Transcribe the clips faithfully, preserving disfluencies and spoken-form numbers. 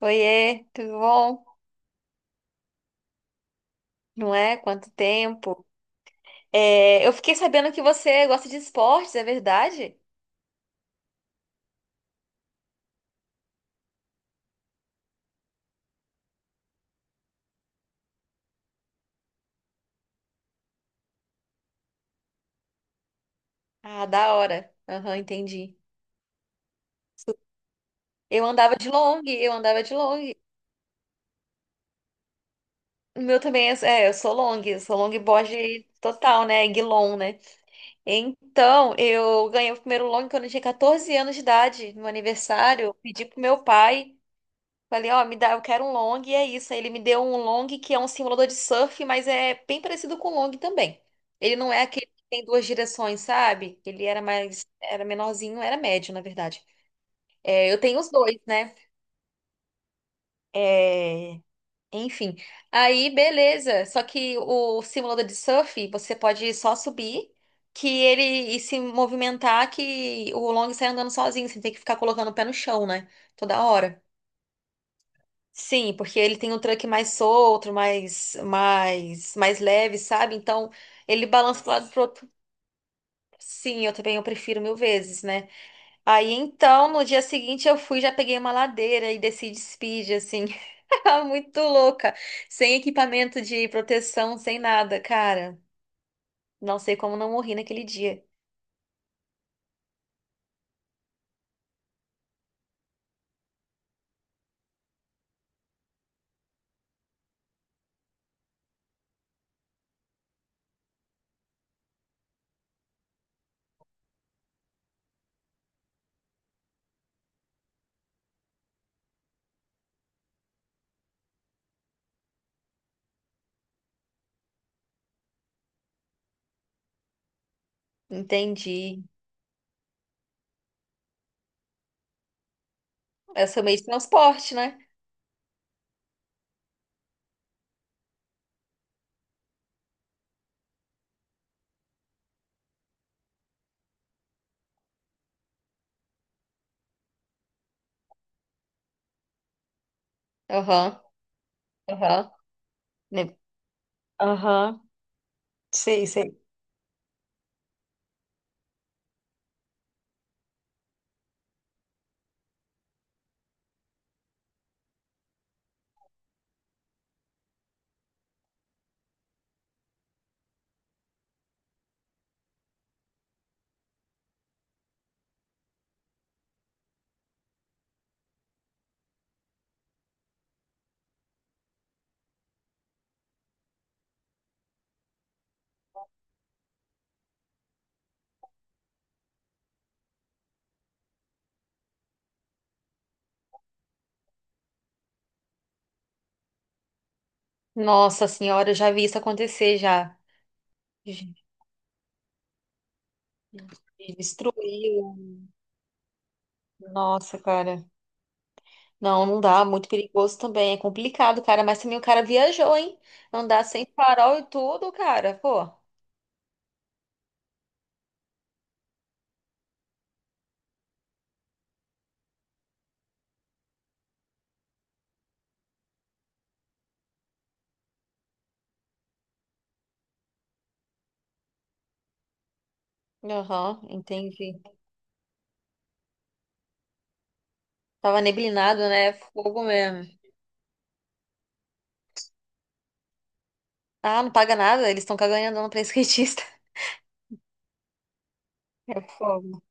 Oiê, tudo bom? Não é? Quanto tempo? É, eu fiquei sabendo que você gosta de esportes, é verdade? Ah, da hora. Aham, entendi. Eu andava de long, eu andava de long. O meu também é, é, eu sou long, eu sou longboard total, né? Guilon, né? Então, eu ganhei o primeiro long quando eu tinha quatorze anos de idade, no meu aniversário. Eu pedi pro meu pai. Falei, ó, me dá, eu quero um long e é isso. Aí ele me deu um long que é um simulador de surf, mas é bem parecido com o long também. Ele não é aquele que tem duas direções, sabe? Ele era mais, era menorzinho, era médio, na verdade. É, eu tenho os dois, né? É, enfim. Aí, beleza. Só que o simulador de surf, você pode só subir que ele e se movimentar que o long sai andando sozinho, sem ter que ficar colocando o pé no chão, né? Toda hora. Sim, porque ele tem um truck mais solto, mais, mais, mais leve, sabe? Então, ele balança do lado pro outro. Sim, eu também eu prefiro mil vezes, né? Aí então, no dia seguinte eu fui, já peguei uma ladeira e desci de speed, assim, muito louca, sem equipamento de proteção, sem nada, cara. Não sei como não morri naquele dia. Entendi. É o seu meio de transporte, né? Aham, aham. Né? Aham, sei, sei. Nossa senhora, eu já vi isso acontecer já. E destruiu. Nossa, cara. Não, não dá. Muito perigoso também. É complicado, cara. Mas também o cara viajou, hein? Andar sem farol e tudo, cara. Pô. Aham, entendi. Tava neblinado, né? É fogo mesmo. Ah, não paga nada. Eles estão cagando andando pra skatista. É fogo.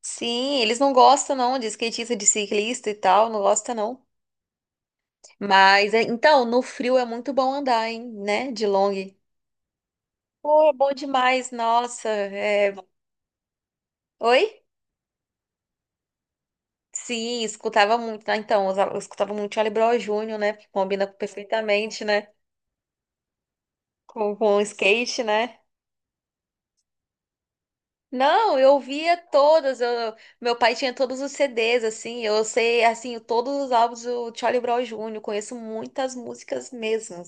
Sim, eles não gostam, não, de skatista, de ciclista e tal. Não gosta, não. Mas, é- então, no frio é muito bom andar, hein? Né? De long. Pô, é bom demais. Nossa. É... Oi? Sim, escutava muito, né? Então, eu escutava muito Charlie Brown Júnior, né? Porque combina perfeitamente, né? Com, com o skate, né? Não, eu via todas. Eu, meu pai tinha todos os C Ds, assim. Eu sei, assim, todos os álbuns do Charlie Brown Júnior. Conheço muitas músicas mesmo.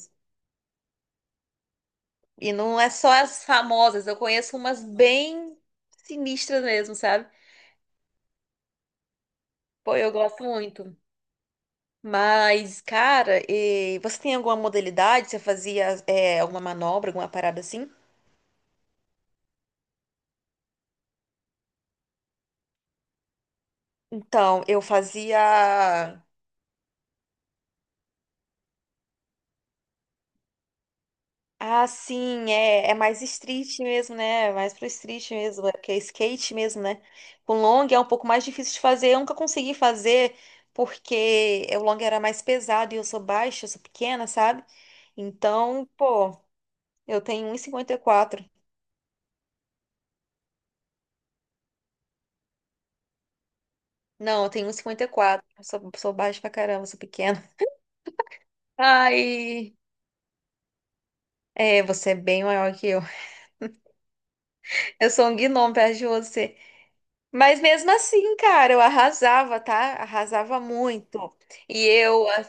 E não é só as famosas, eu conheço umas bem sinistras mesmo, sabe? Pô, eu gosto muito. Mas, cara, e você tem alguma modalidade? Você fazia, é, alguma manobra, alguma parada assim? Então, eu fazia. Ah, sim, é, é mais street mesmo, né? Mais pro street mesmo, é porque é skate mesmo, né? O long é um pouco mais difícil de fazer. Eu nunca consegui fazer porque o long era mais pesado e eu sou baixa, eu sou pequena, sabe? Então, pô, eu tenho um e cinquenta e quatro. Não, eu tenho um 1,54. Eu sou, sou baixa pra caramba, sou pequena. Ai, é, você é bem maior que eu. Eu sou um gnomo perto de você. Mas mesmo assim, cara, eu arrasava, tá? Arrasava muito. E eu, ah,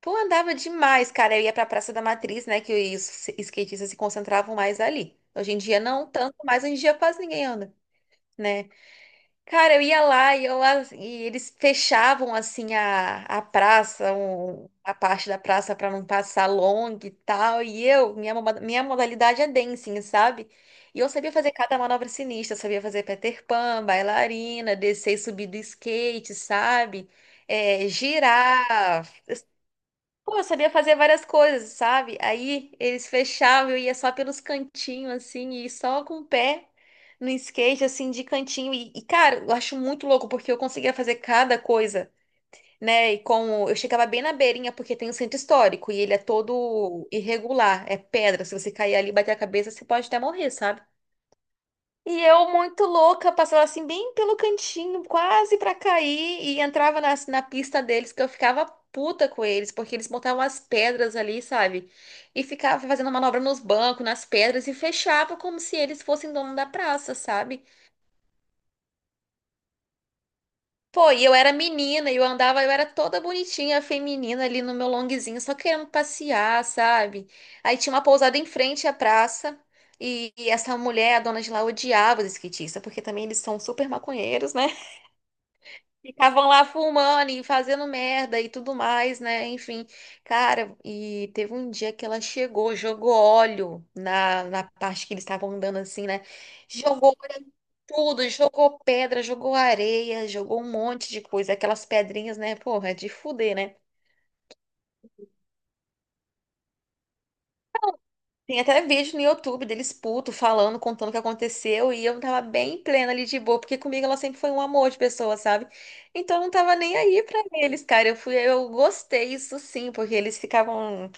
pô, andava demais, cara. Eu ia pra Praça da Matriz, né? Que os skatistas se concentravam mais ali. Hoje em dia não tanto, mas hoje em dia quase ninguém anda, né? Cara, eu ia lá e, eu, lá- e eles fechavam assim a, a praça, um- a parte da praça para não passar long e tal. E eu, minha, moda- minha modalidade é dancing, sabe? E eu sabia fazer cada manobra sinistra, eu sabia fazer Peter Pan, bailarina, descer e subir do skate, sabe? É, girar. Pô, eu sabia fazer várias coisas, sabe? Aí eles fechavam, eu ia só pelos cantinhos, assim, e só com o pé no skate, assim, de cantinho. E, e, cara, eu acho muito louco, porque eu conseguia fazer cada coisa, né? E como eu chegava bem na beirinha, porque tem um centro histórico, e ele é todo irregular, é pedra. Se você cair ali e bater a cabeça, você pode até morrer, sabe? E eu, muito louca, passava assim bem pelo cantinho, quase pra cair, e entrava na, na pista deles, que eu ficava puta com eles, porque eles botavam as pedras ali, sabe? E ficava fazendo manobra nos bancos, nas pedras, e fechava como se eles fossem dono da praça, sabe? Pô, e eu era menina, e eu andava, eu era toda bonitinha, feminina ali no meu longuezinho, só querendo passear, sabe? Aí tinha uma pousada em frente à praça. E e essa mulher, a dona de lá, odiava os skatistas, porque também eles são super maconheiros, né? Ficavam lá fumando e fazendo merda e tudo mais, né? Enfim, cara, e teve um dia que ela chegou, jogou óleo na, na parte que eles estavam andando assim, né? Jogou pra tudo, jogou pedra, jogou areia, jogou um monte de coisa, aquelas pedrinhas, né? Porra, de fuder, né? Tem até vídeo no YouTube deles puto falando, contando o que aconteceu, e eu tava bem plena ali de boa, porque comigo ela sempre foi um amor de pessoa, sabe? Então eu não tava nem aí pra eles, cara. Eu fui, eu gostei isso sim, porque eles ficavam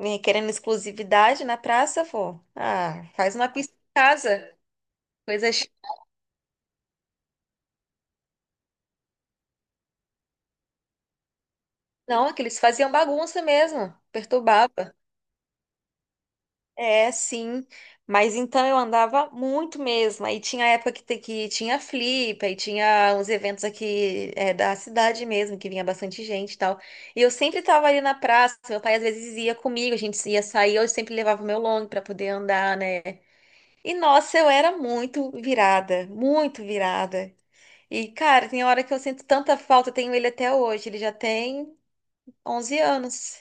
eh, querendo exclusividade na praça, pô. Ah, faz uma pista em casa. Coisa chi- Não, é que eles faziam bagunça mesmo, perturbava. É, sim. Mas então eu andava muito mesmo. Aí tinha época que, te- que tinha Flip, aí tinha uns eventos aqui é, da cidade mesmo, que vinha bastante gente e tal. E eu sempre tava ali na praça, meu pai às vezes ia comigo, a gente ia sair, eu sempre levava o meu long pra poder andar, né? E nossa, eu era muito virada, muito virada. E cara, tem hora que eu sinto tanta falta, eu tenho ele até hoje, ele já tem onze anos.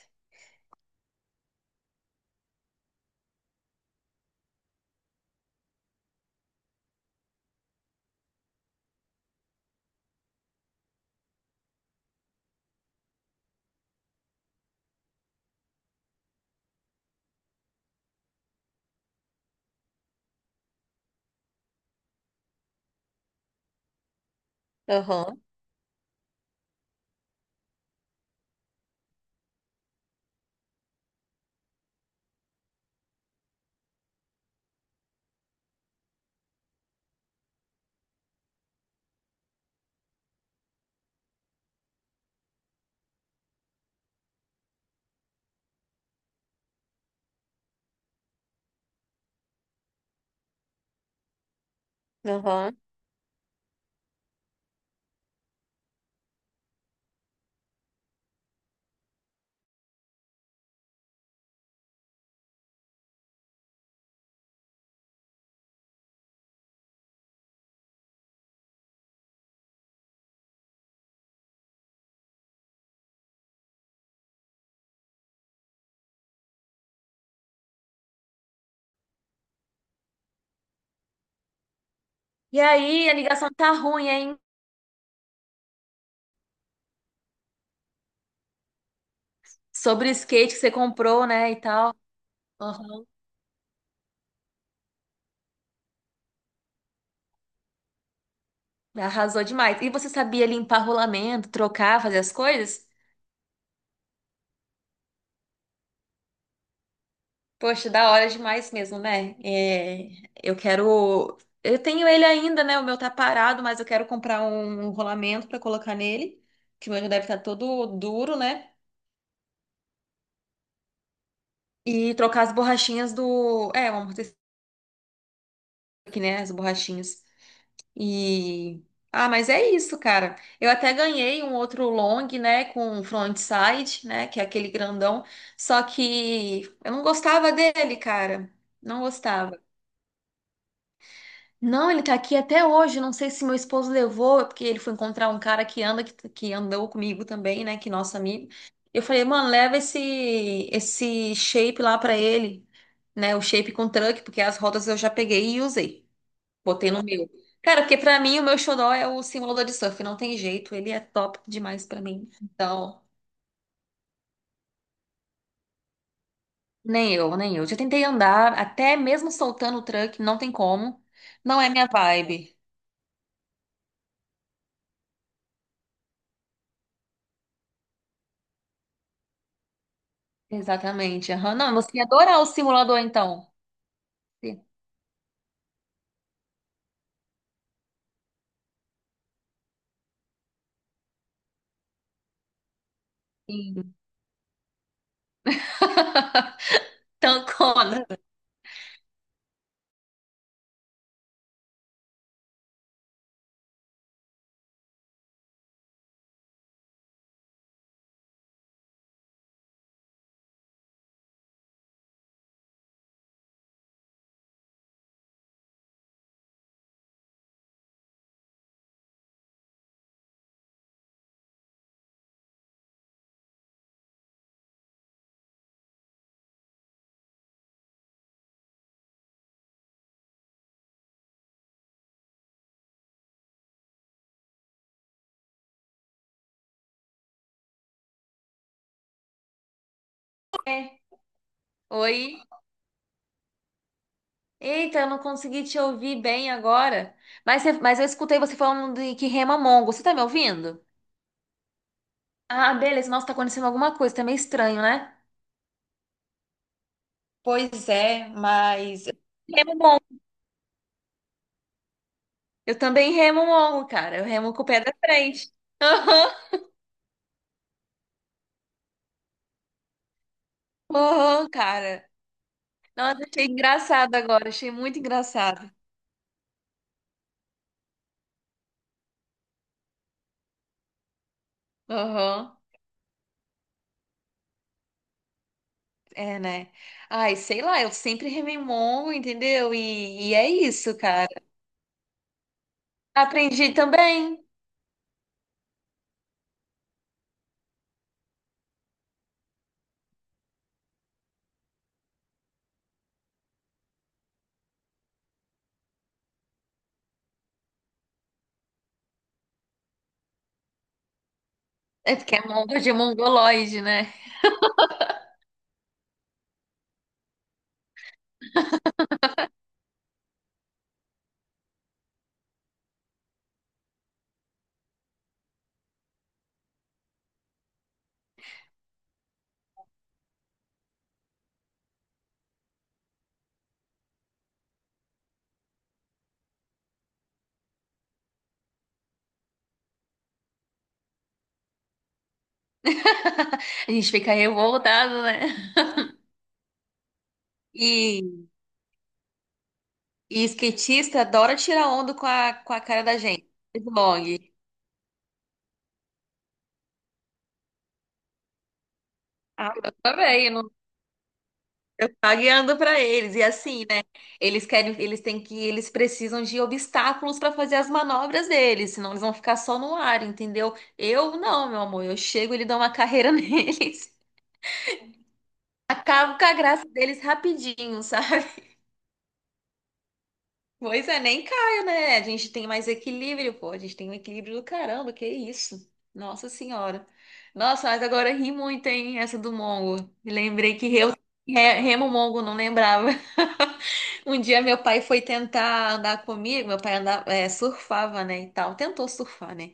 Aham, aham. E aí, a ligação tá ruim, hein? Sobre o skate que você comprou, né, e tal. Aham. Arrasou demais. E você sabia limpar rolamento, trocar, fazer as coisas? Poxa, da hora demais mesmo, né? É, eu quero. Eu tenho ele ainda, né? O meu tá parado, mas eu quero comprar um um rolamento pra colocar nele, que o meu já deve estar todo duro, né? E trocar as borrachinhas do. É, o amortecedor aqui, né? As borrachinhas. E ah, mas é isso, cara. Eu até ganhei um outro long, né, com frontside, né, que é aquele grandão, só que eu não gostava dele, cara. Não gostava. Não, ele tá aqui até hoje. Não sei se meu esposo levou, porque ele foi encontrar um cara que anda que, que andou comigo também, né, que é nosso amigo. Eu falei, mano, leva esse esse shape lá pra ele, né, o shape com truck, porque as rodas eu já peguei e usei. Botei no meu. Cara, porque pra mim o meu xodó é o simulador de surf, não tem jeito, ele é top demais pra mim. Então, nem eu, nem eu. Já tentei andar, até mesmo soltando o truck, não tem como. Não é minha vibe. Exatamente. Aham. Não, você ia adorar o simulador então. Sim. Então, Conan. É. Oi. Eita, eu não consegui te ouvir bem agora. Mas, você- mas eu escutei você falando de que rema mongo. Você tá me ouvindo? Ah, beleza. Nossa, tá acontecendo alguma coisa. Tá meio estranho, né? Pois é, mas remo mongo. Eu também remo mongo, cara. Eu remo com o pé da frente. Aham, aham, cara. Nossa, achei engraçado agora. Achei muito engraçado. Aham. É, né? Ai, sei lá. Eu sempre remei mongo, entendeu? E, e é isso, cara. Aprendi também. É porque é mongo de mongoloide, né? A gente fica revoltado, né? E, e skatista adora tirar onda com a, com a cara da gente. Blog. Ah, eu também. Eu pagando para eles. E assim, né? Eles querem, eles têm que, eles precisam de obstáculos para fazer as manobras deles, senão eles vão ficar só no ar, entendeu? Eu não, meu amor. Eu chego, ele dá uma carreira neles. Acabo com a graça deles rapidinho, sabe? Pois é, nem caio, né? A gente tem mais equilíbrio, pô. A gente tem um equilíbrio do caramba, que isso. Nossa Senhora. Nossa, mas agora ri muito, hein? Essa do Mongo. Me lembrei que eu re- remo Mongo, não lembrava. Um dia meu pai foi tentar andar comigo, meu pai andava, é, surfava, né, e tal. Tentou surfar, né?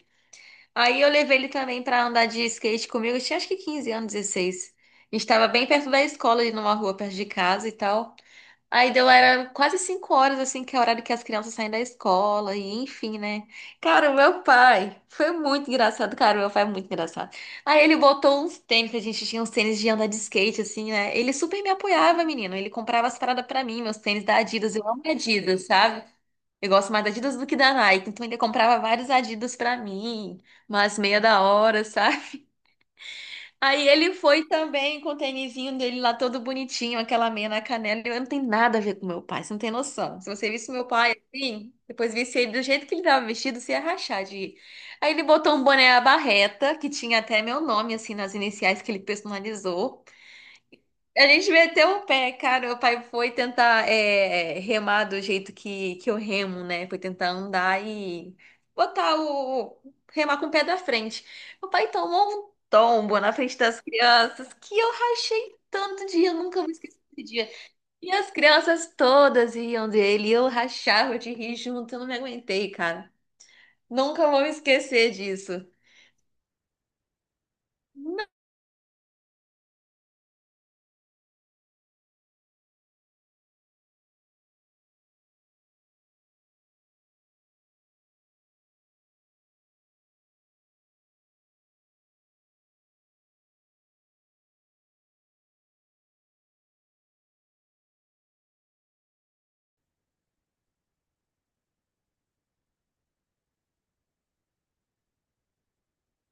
Aí eu levei ele também pra andar de skate comigo. Eu tinha acho que quinze anos, dezesseis. A gente tava bem perto da escola, ali numa rua perto de casa e tal. Aí deu, era quase cinco horas, assim, que é o horário que as crianças saem da escola, e enfim, né? Cara, o meu pai foi muito engraçado, cara, o meu pai é muito engraçado. Aí ele botou uns tênis, que a gente tinha uns tênis de andar de skate, assim, né? Ele super me apoiava, menino. Ele comprava as paradas pra mim, meus tênis da Adidas. Eu amo Adidas, sabe? Eu gosto mais da Adidas do que da Nike. Então ele comprava vários Adidas pra mim, umas meia da hora, sabe? Aí ele foi também com o tênisinho dele lá todo bonitinho, aquela meia na canela. Eu não tenho nada a ver com meu pai, você não tem noção. Se você visse meu pai assim, depois visse ele do jeito que ele tava vestido, você ia rachar de rir. Aí ele botou um boné à barreta, que tinha até meu nome, assim, nas iniciais que ele personalizou. A gente meteu o pé, cara. Meu pai foi tentar é, remar do jeito que, que eu remo, né? Foi tentar andar e botar o. remar com o pé da frente. Meu pai tomou um tombo na frente das crianças que eu rachei tanto de rir, eu nunca vou esquecer esse dia. E as crianças todas riam dele, e eu rachava de rir junto, eu não me aguentei, cara. Nunca vou me esquecer disso.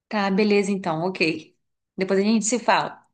Tá, beleza então, ok. Depois a gente se fala.